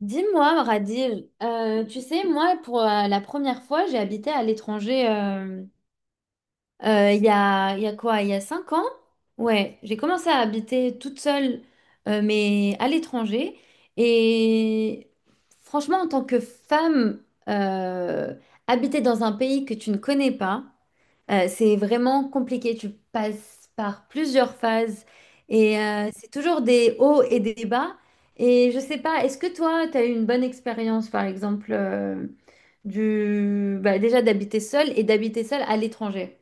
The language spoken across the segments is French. Dis-moi, Radil, tu sais, moi, pour la première fois, j'ai habité à l'étranger. Il y a, quoi? Il y a 5 ans? Ouais, j'ai commencé à habiter toute seule, mais à l'étranger. Et franchement, en tant que femme, euh, habiter dans un pays que tu ne connais pas, c'est vraiment compliqué. Tu passes par plusieurs phases et c'est toujours des hauts et des bas. Et je sais pas, est-ce que toi, tu as eu une bonne expérience, par exemple, du, bah, déjà d'habiter seule et d'habiter seule à l'étranger?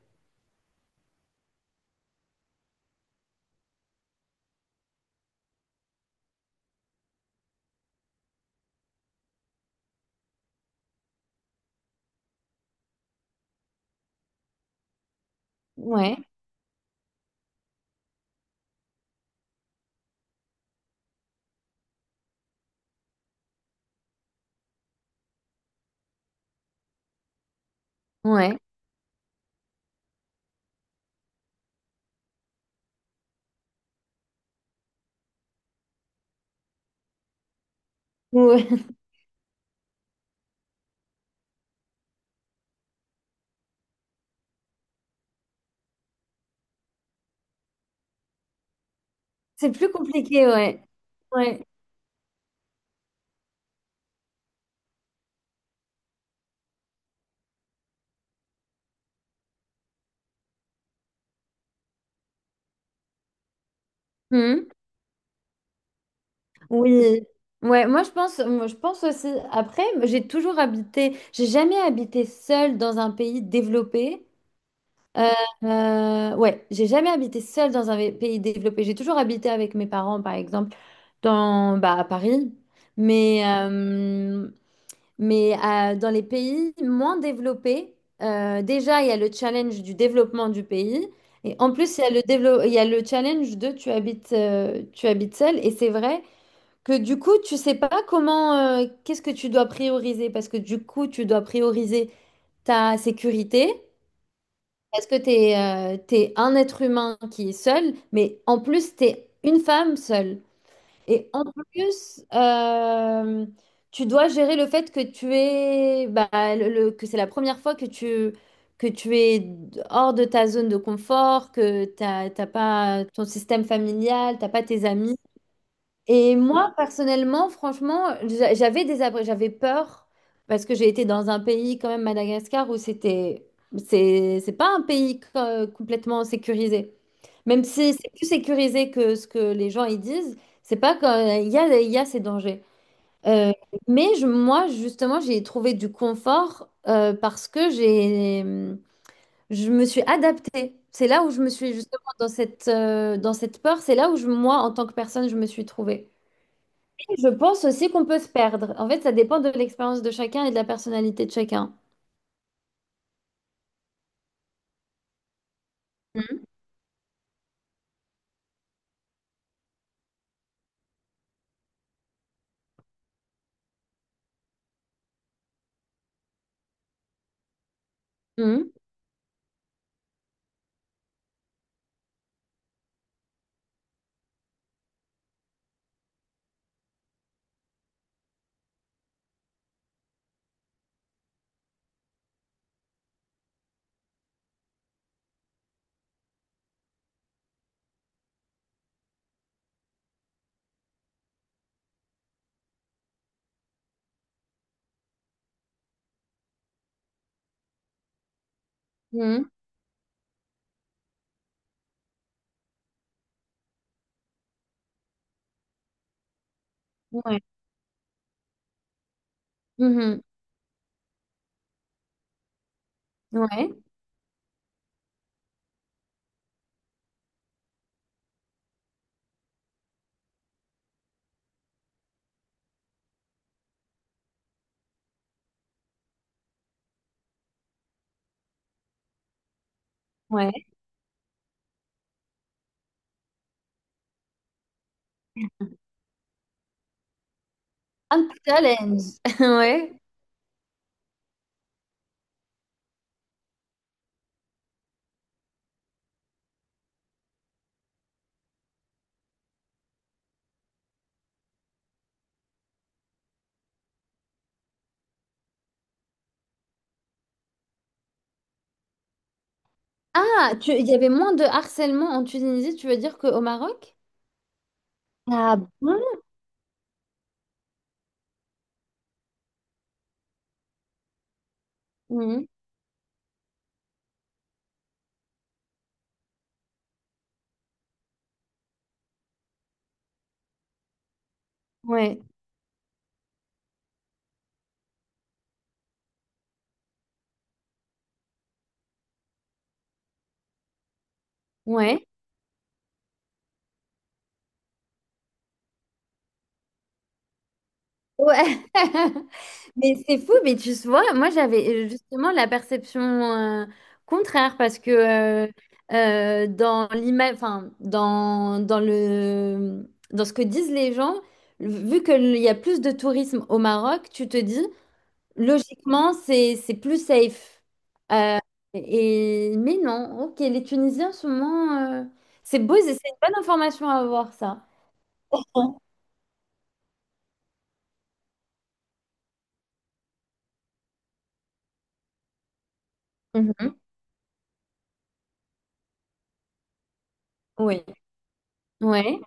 Ouais, ouais. Ouais. C'est plus compliqué, ouais. Ouais. Hmm. Oui. Ouais, moi je pense, moi je pense aussi. Après, j'ai jamais habité seule dans un pays développé. Euh, ouais, j'ai jamais habité seule dans un pays développé. J'ai toujours habité avec mes parents, par exemple, bah, à Paris. Mais, euh, Mais euh, dans les pays moins développés, déjà, il y a le challenge du développement du pays. Et en plus, il y a il y a le challenge de tu habites seul. Et c'est vrai que du coup, tu sais pas qu'est-ce que tu dois prioriser. Parce que du coup, tu dois prioriser ta sécurité. Parce que tu es un être humain qui est seul. Mais en plus, tu es une femme seule. Et en plus, tu dois gérer le fait que tu es, bah, que c'est la première fois que tu es hors de ta zone de confort, que t'as pas ton système familial, t'as pas tes amis. Et moi, personnellement, franchement, j'avais peur parce que j'ai été dans un pays, quand même, Madagascar, c'est pas un pays complètement sécurisé. Même si c'est plus sécurisé que ce que les gens y disent, c'est pas quand il y a ces dangers. Euh, Moi, justement, j'ai trouvé du confort parce que je me suis adaptée. C'est là où je me suis justement dans dans cette peur, c'est là où moi, en tant que personne, je me suis trouvée. Je pense aussi qu'on peut se perdre. En fait, ça dépend de l'expérience de chacun et de la personnalité de chacun. Mhm. Mhm. Mhm. Ouais. Mhm. Ouais. Ouais. Un challenge. Ouais. Ah, il y avait moins de harcèlement en Tunisie, tu veux dire qu'au Maroc? Ah bon? Mhm. Ouais. Ouais. Ouais. Mais c'est fou, mais tu vois, moi j'avais justement la perception contraire parce que dans enfin, dans le, dans ce que disent les gens, vu qu'il y a plus de tourisme au Maroc, tu te dis logiquement c'est plus safe. Euh, et, mais non, ok, les Tunisiens sont moins. C'est beau, c'est une bonne information à avoir ça. Mhm. Oui, ouais,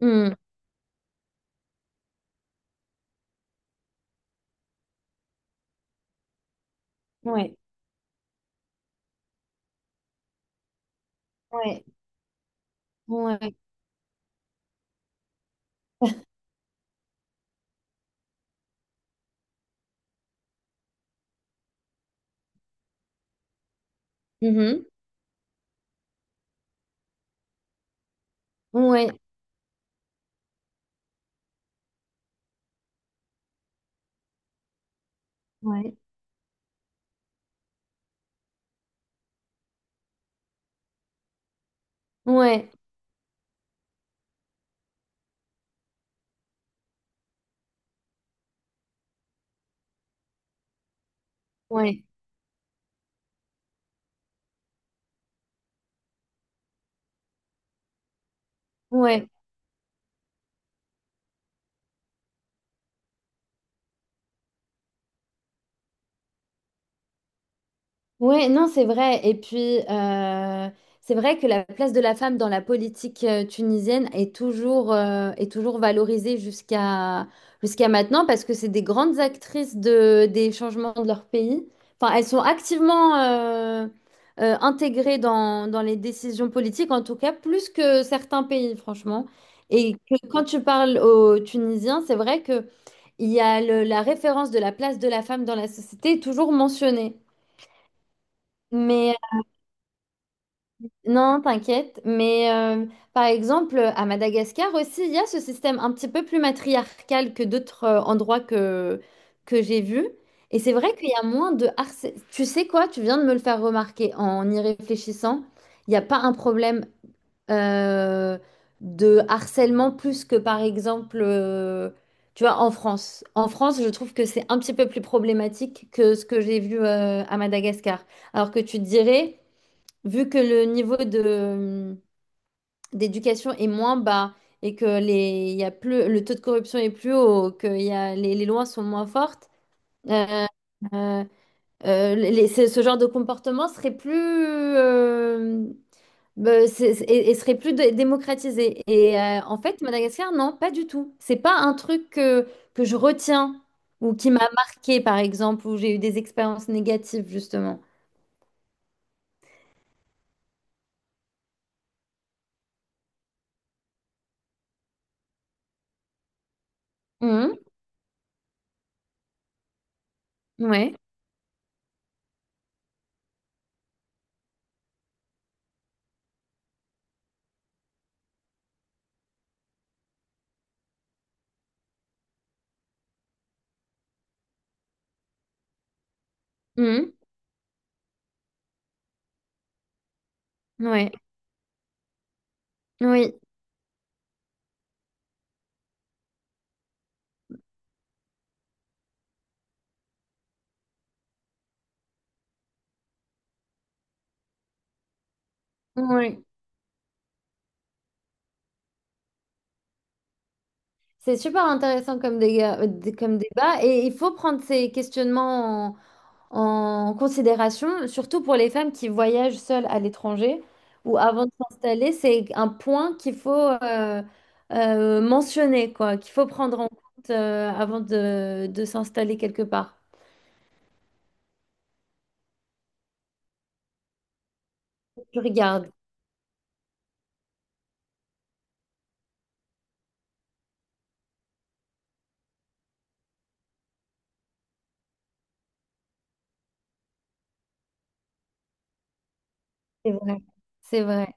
Mm. Ouais, ouais. Ouais, Mhm. Ouais, ouais, ouais, ouais, ouais. Ouais, non, c'est vrai. Et puis, c'est vrai que la place de la femme dans la politique tunisienne est est toujours valorisée jusqu'à maintenant parce que c'est des grandes actrices des changements de leur pays. Enfin, elles sont activement intégrées dans les décisions politiques, en tout cas, plus que certains pays, franchement. Et que quand tu parles aux Tunisiens, c'est vrai que il y a la référence de la place de la femme dans la société est toujours mentionnée. Mais non, t'inquiète. Mais par exemple, à Madagascar aussi, il y a ce système un petit peu plus matriarcal que d'autres endroits que j'ai vus. Et c'est vrai qu'il y a moins de harcèlement. Tu sais quoi? Tu viens de me le faire remarquer en y réfléchissant. Il n'y a pas un problème euh, de harcèlement plus que par exemple, tu vois, en France. En France, je trouve que c'est un petit peu plus problématique que ce que j'ai vu à Madagascar. Alors que tu te dirais vu que le niveau d'éducation est moins bas et que il y a plus, le taux de corruption est plus haut, que les lois sont moins fortes, euh, euh, ce genre de comportement serait plus, euh, bah, c'est- et serait plus démocratisé. Et en fait, Madagascar, non, pas du tout. C'est pas un truc que je retiens ou qui m'a marqué, par exemple, où j'ai eu des expériences négatives, justement. Mhm. Ouais. Mhm. Ouais. Oui. Oui. C'est super intéressant comme comme débat et il faut prendre ces questionnements en considération, surtout pour les femmes qui voyagent seules à l'étranger ou avant de s'installer. C'est un point qu'il faut mentionner, quoi, qu'il faut prendre en compte avant de s'installer quelque part. Je regarde, c'est vrai, c'est vrai.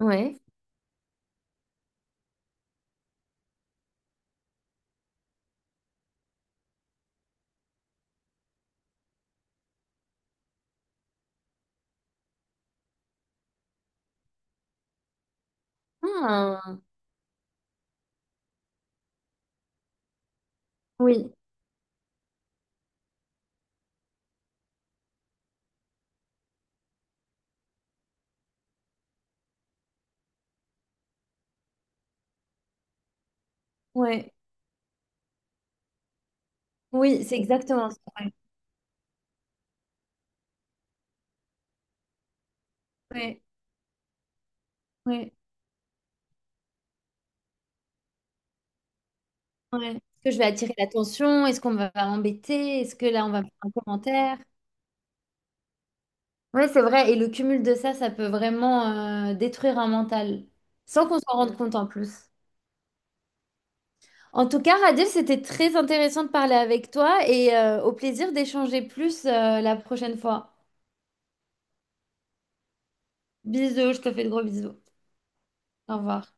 Ouais. Ah, oui, ouais. Oui, c'est exactement ça. Ouais. Ouais. Ouais. Ouais. Est-ce que je vais attirer l'attention? Est-ce qu'on va m'embêter? Est-ce que là, on va me faire un commentaire? Oui, c'est vrai. Et le cumul de ça, ça peut vraiment détruire un mental, sans qu'on s'en rende compte en plus. En tout cas, Radil, c'était très intéressant de parler avec toi et au plaisir d'échanger plus la prochaine fois. Bisous, je te fais de gros bisous. Au revoir.